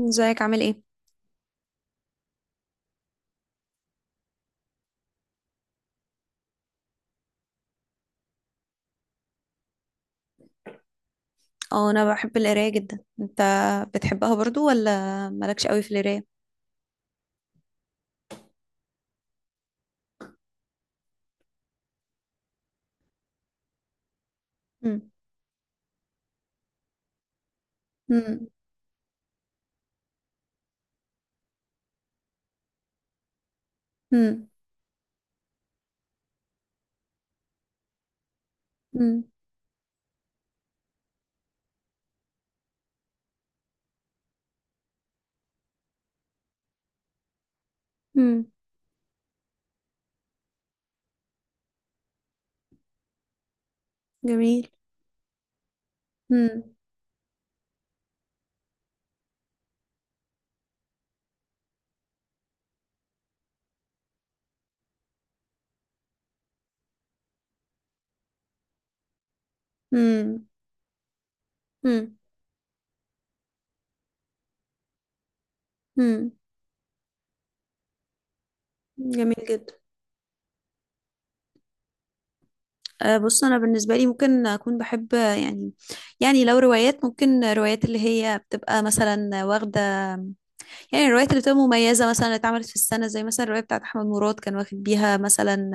ازيك عامل ايه؟ اه، انا بحب القرايه جدا. انت بتحبها برضو ولا مالكش قوي في القرايه؟ مم. مم. مم. مم. مم. جميل. مم. مم. مم. مم. جميل جدا. أه، بص، انا بالنسبه لي ممكن اكون بحب يعني، يعني لو روايات، ممكن روايات اللي هي بتبقى مثلا واخده، يعني الروايات اللي بتبقى مميزه مثلا اللي اتعملت في السنه، زي مثلا الروايه بتاعت احمد مراد كان واخد بيها مثلا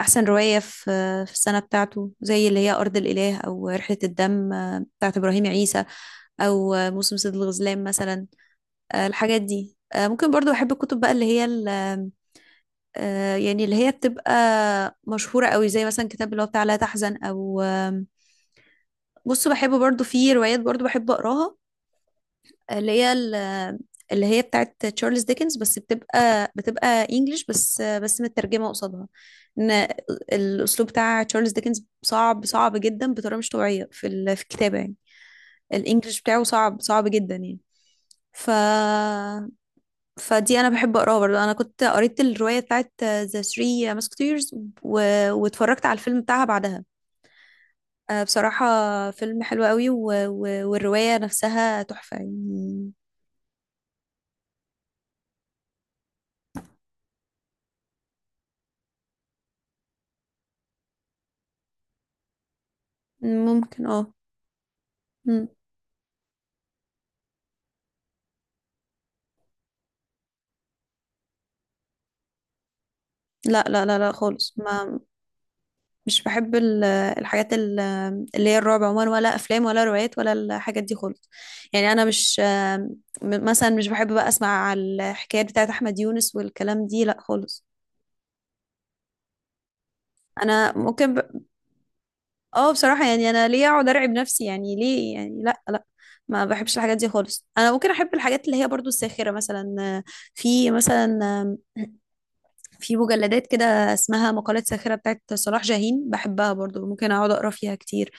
أحسن رواية في السنة بتاعته، زي اللي هي أرض الإله أو رحلة الدم، بتاعت إبراهيم عيسى، أو موسم صيد الغزلان مثلا. الحاجات دي، ممكن برضو أحب الكتب بقى اللي هي يعني اللي هي بتبقى مشهورة قوي، زي مثلا كتاب اللي هو بتاع لا تحزن أو. بص، بحب برضو في روايات، برضو بحب أقراها اللي هي اللي هي بتاعت تشارلز ديكنز، بس بتبقى انجلش بس، بس مترجمه قصادها. ان الاسلوب بتاع تشارلز ديكنز صعب صعب جدا، بطريقه مش طبيعيه في في الكتابه يعني. الانجليش بتاعه صعب صعب جدا يعني. ف فدي انا بحب اقراها برضه. انا كنت قريت الروايه بتاعت ذا ثري ماسكتيرز و... واتفرجت على الفيلم بتاعها بعدها. بصراحه، فيلم حلو قوي والروايه نفسها تحفه يعني. ممكن، اه. مم. لا لا لا لا خالص. ما مش بحب الحاجات اللي هي الرعب عموما، ولا افلام ولا روايات ولا الحاجات دي خالص. يعني انا مش، مثلا مش بحب بقى اسمع على الحكايات بتاعت احمد يونس والكلام دي، لا خالص. انا ممكن اه، بصراحة يعني انا ليه اقعد ارعب نفسي يعني؟ ليه يعني؟ لا لا، ما بحبش الحاجات دي خالص. انا ممكن احب الحاجات اللي هي برضو الساخرة مثلا. في مثلا، في مجلدات كده اسمها مقالات ساخرة بتاعت صلاح جاهين، بحبها برضو، ممكن اقعد اقرا فيها كتير.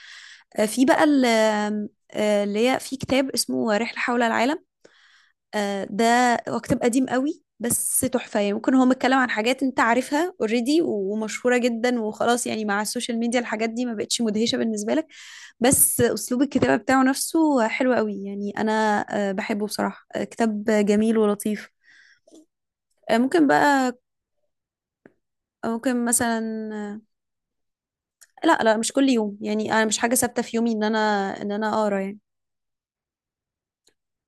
في بقى ال- آم، آه، اللي هي في كتاب اسمه رحلة حول العالم. ده هو كتاب قديم قوي، بس تحفة يعني. ممكن هو متكلم عن حاجات انت عارفها اوريدي ومشهورة جدا، وخلاص يعني مع السوشيال ميديا الحاجات دي ما بقتش مدهشة بالنسبة لك، بس اسلوب الكتابة بتاعه نفسه حلو قوي يعني. انا بحبه بصراحة، كتاب جميل ولطيف. ممكن بقى، ممكن مثلا، آه، لا لا، مش كل يوم يعني. انا مش حاجه ثابته في يومي ان انا اقرا يعني.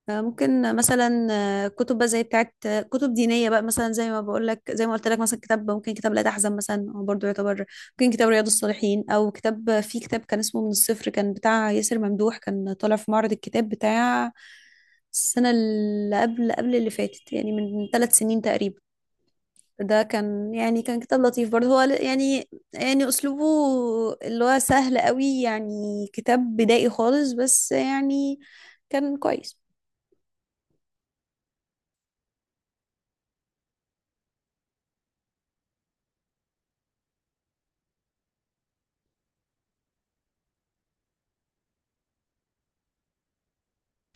ممكن مثلا، كتب بقى زي بتاعت، كتب دينيه بقى مثلا زي ما بقول لك، زي ما قلت لك، مثلا كتاب، ممكن كتاب لا تحزن مثلا هو برضه يعتبر، ممكن كتاب رياض الصالحين، او كتاب، في كتاب كان اسمه من الصفر كان بتاع ياسر ممدوح، كان طالع في معرض الكتاب بتاع السنه اللي قبل قبل اللي فاتت، يعني من 3 سنين تقريبا. ده كان يعني كان كتاب لطيف برضه. هو يعني، يعني اسلوبه اللي هو سهل قوي يعني، كتاب بدائي خالص، بس يعني كان كويس.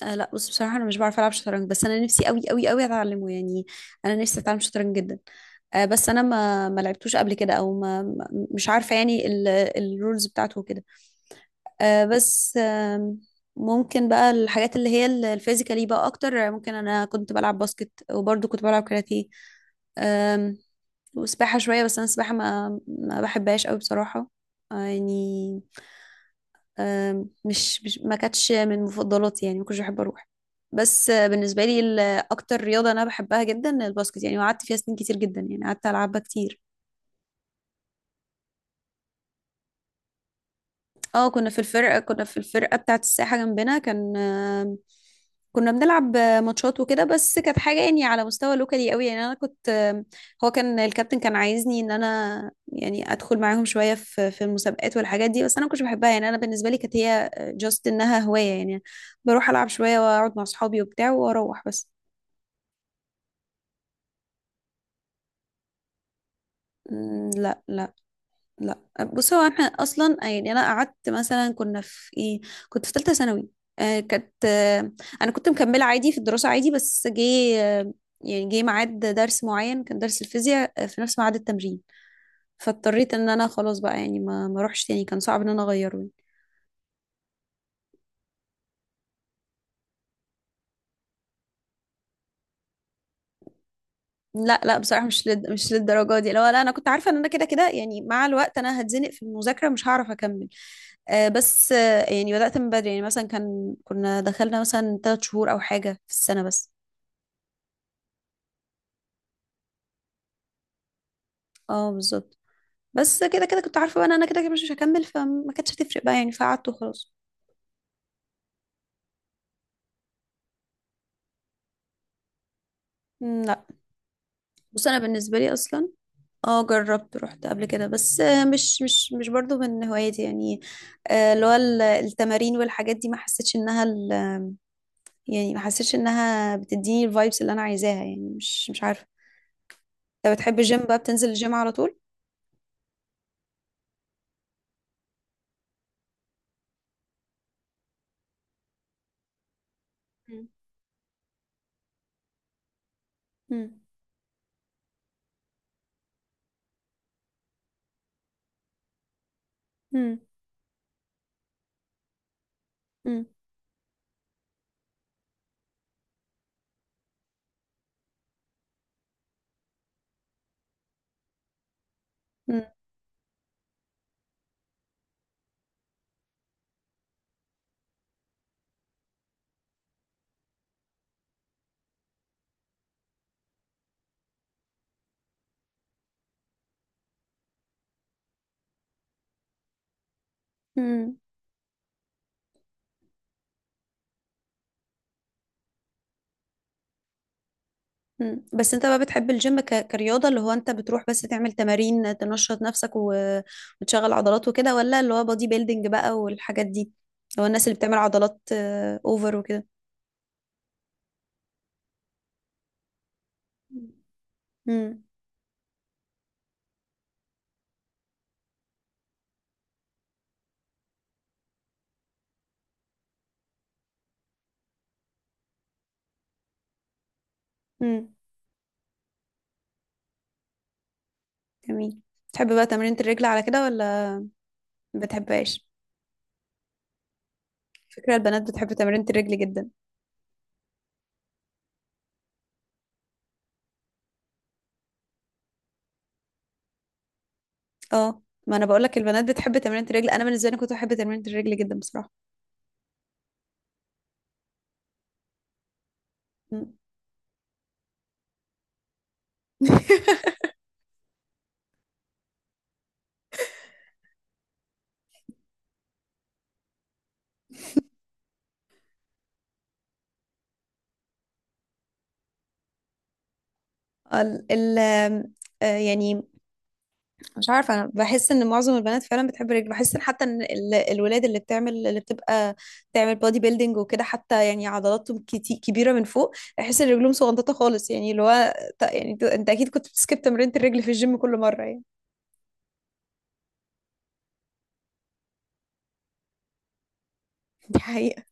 آه لا، بص بصراحة انا مش بعرف العب شطرنج، بس انا نفسي قوي قوي قوي اتعلمه يعني. انا نفسي اتعلم شطرنج جدا. آه بس انا ما لعبتوش قبل كده، او مش عارفة يعني الرولز بتاعته وكده. آه، بس آم، ممكن بقى الحاجات اللي هي الفيزيكالي بقى اكتر. ممكن انا كنت بلعب باسكت، وبرضه كنت بلعب كاراتيه آم، وسباحة شوية، بس انا السباحة ما بحبهاش قوي بصراحة. آه، يعني آم، مش مش- ما كانتش من مفضلاتي يعني، ما كنتش بحب اروح. بس بالنسبة لي اكتر رياضة انا بحبها جدا الباسكت يعني، وقعدت فيها سنين كتير جدا يعني، قعدت العبها كتير. اه، كنا في الفرقة، كنا في الفرقة بتاعة الساحة جنبنا. كان كنا بنلعب ماتشات وكده، بس كانت حاجة يعني على مستوى لوكالي قوي يعني. انا كنت هو كان الكابتن، كان عايزني ان انا يعني ادخل معاهم شوية في المسابقات والحاجات دي، بس انا ما كنتش بحبها يعني. انا بالنسبة لي كانت هي جاست انها هواية يعني. بروح العب شوية واقعد مع اصحابي وبتاع واروح بس. مم، لا لا. لا، بص، هو احنا اصلا يعني، انا قعدت مثلا، كنا في ايه، كنت في ثالثه ثانوي. آه كانت آه انا كنت مكمله عادي في الدراسه عادي، بس جه آه يعني جه ميعاد درس معين، كان درس الفيزياء في نفس ميعاد التمرين، فاضطريت ان انا خلاص بقى يعني ما اروحش تاني، كان صعب ان انا اغيره يعني. لا لا، بصراحه مش مش للدرجه دي، لا لا. انا كنت عارفه ان انا كده كده يعني مع الوقت انا هتزنق في المذاكره، مش هعرف اكمل. آه بس آه يعني بدات من بدري يعني، مثلا كان كنا دخلنا مثلا 3 شهور او حاجه في السنه بس. اه بالظبط. بس كده كده كنت عارفه بقى ان انا كده كده مش هكمل، فما كانتش هتفرق بقى يعني، فقعدت وخلاص. مم، لا. بص انا بالنسبه لي اصلا، اه جربت، رحت قبل كده، بس مش برضو من هواياتي يعني. اللي هو التمارين والحاجات دي، ما حسيتش انها يعني ما حسيتش انها بتديني الفايبس اللي انا عايزاها يعني، مش مش عارفه. انت بتحب الجيم بقى، بتنزل الجيم على طول؟ مم. مم. مم. مم. مم. مم. بس انت بقى بتحب الجيم كرياضة، اللي هو انت بتروح بس تعمل تمارين تنشط نفسك وتشغل عضلات وكده، ولا اللي هو بودي بيلدينج بقى والحاجات دي، اللي هو الناس اللي بتعمل عضلات اوفر وكده؟ امم امم جميل. تحب بقى تمرينة الرجل على كده، ولا ما بتحبهاش؟ فكرة البنات بتحب تمرينة الرجل جدا. اه، ما انا بقول لك، البنات بتحب تمرينة الرجل. انا بالنسبة لي كنت بحب تمرينة الرجل جدا بصراحة. مم. ال ال آم، آه، يعني مش عارفة، أنا بحس إن معظم البنات فعلا بتحب الرجل. بحس إن حتى إن الولاد اللي بتعمل، اللي بتبقى بتعمل بودي بيلدينج وكده، حتى يعني عضلاتهم كبيرة من فوق، بحس إن رجلهم صغنططة خالص يعني، اللي هو يعني أنت أكيد كنت بتسكيب تمرينة الرجل في الجيم كل مرة يعني. دي حقيقة.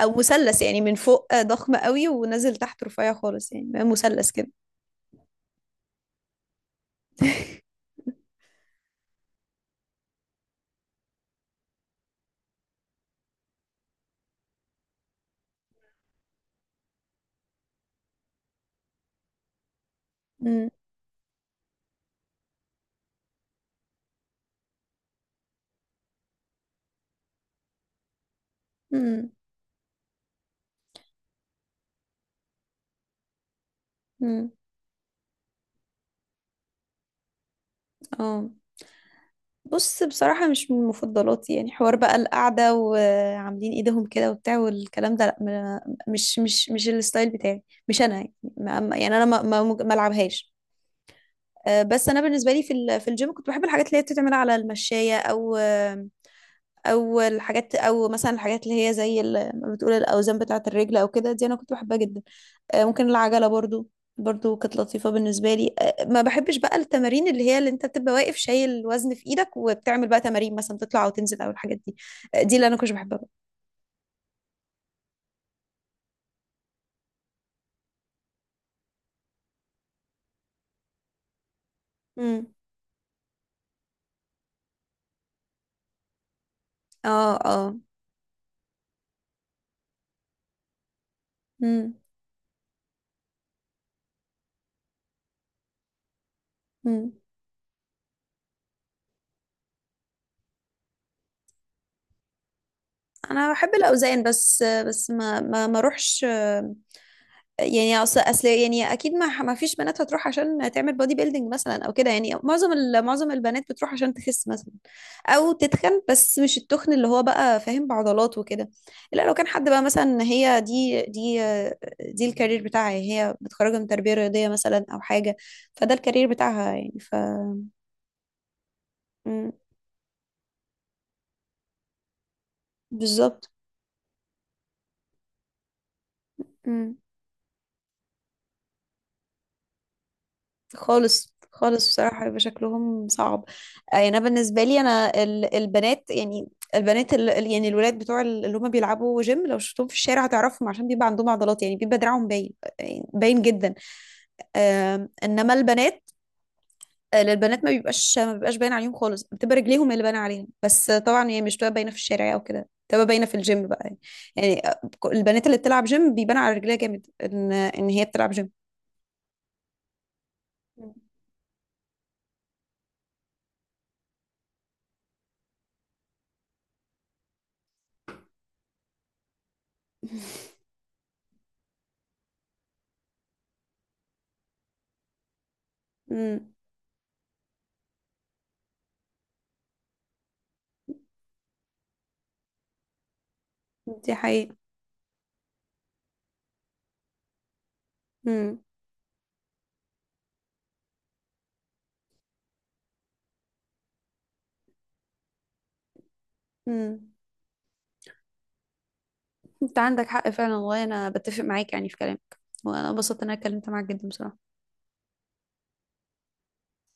أو مثلث يعني، من فوق ضخم قوي ونازل تحت رفيع خالص، يعني بقى مثلث كده. امم امم امم اه بص، بصراحة مش من مفضلاتي يعني. حوار بقى القعدة وعاملين ايدهم كده وبتاع والكلام ده، لا مش الستايل بتاعي، مش انا يعني يعني انا ما العبهاش. بس انا بالنسبة لي في في الجيم كنت بحب الحاجات اللي هي بتتعمل على المشاية، او الحاجات، او مثلا الحاجات اللي هي زي ما بتقول الاوزان بتاعة الرجل او كده، دي انا كنت بحبها جدا. ممكن العجلة برضو، برضو كانت لطيفة بالنسبة لي. ما بحبش بقى التمارين اللي هي اللي انت بتبقى واقف شايل الوزن في ايدك، وبتعمل بقى تمارين مثلا تطلع او تنزل او الحاجات دي. دي اللي انا كنتش بحبها بقى. امم. اه اه. امم. امم. انا بحب الاوزان، بس بس ما اروحش. يعني اصل يعني اكيد ما فيش بنات هتروح عشان تعمل بودي بيلدينج مثلا او كده. يعني معظم معظم البنات بتروح عشان تخس مثلا، او تتخن، بس مش التخن اللي هو بقى فاهم، بعضلات وكده. لا لو كان حد بقى مثلا، هي دي دي الكارير بتاعها يعني، هي متخرجه من تربيه رياضيه مثلا او حاجه، فده الكارير بتاعها يعني، ف... مم، بالظبط. خالص خالص بصراحة، بيبقى شكلهم صعب. يعني أنا بالنسبة لي، أنا البنات يعني، يعني الولاد بتوع اللي هم بيلعبوا جيم، لو شفتهم في الشارع هتعرفهم، عشان بيبقى عندهم عضلات يعني، بيبقى دراعهم باين يعني، باين جدا. إنما البنات، للبنات ما بيبقاش، ما بيبقاش باين عليهم خالص، بتبقى رجليهم اللي باينة عليهم بس. طبعا هي مش بتبقى باينة في الشارع أو كده، بتبقى باينة في الجيم بقى يعني. يعني البنات اللي بتلعب جيم بيبان على رجليها جامد إن هي بتلعب جيم. مم. مم. دي حقيقة. مم. مم. انت عندك حق فعلا والله، انا بتفق معاك يعني في كلامك، وانا انبسطت ان انا اتكلمت معاك جدا بصراحة.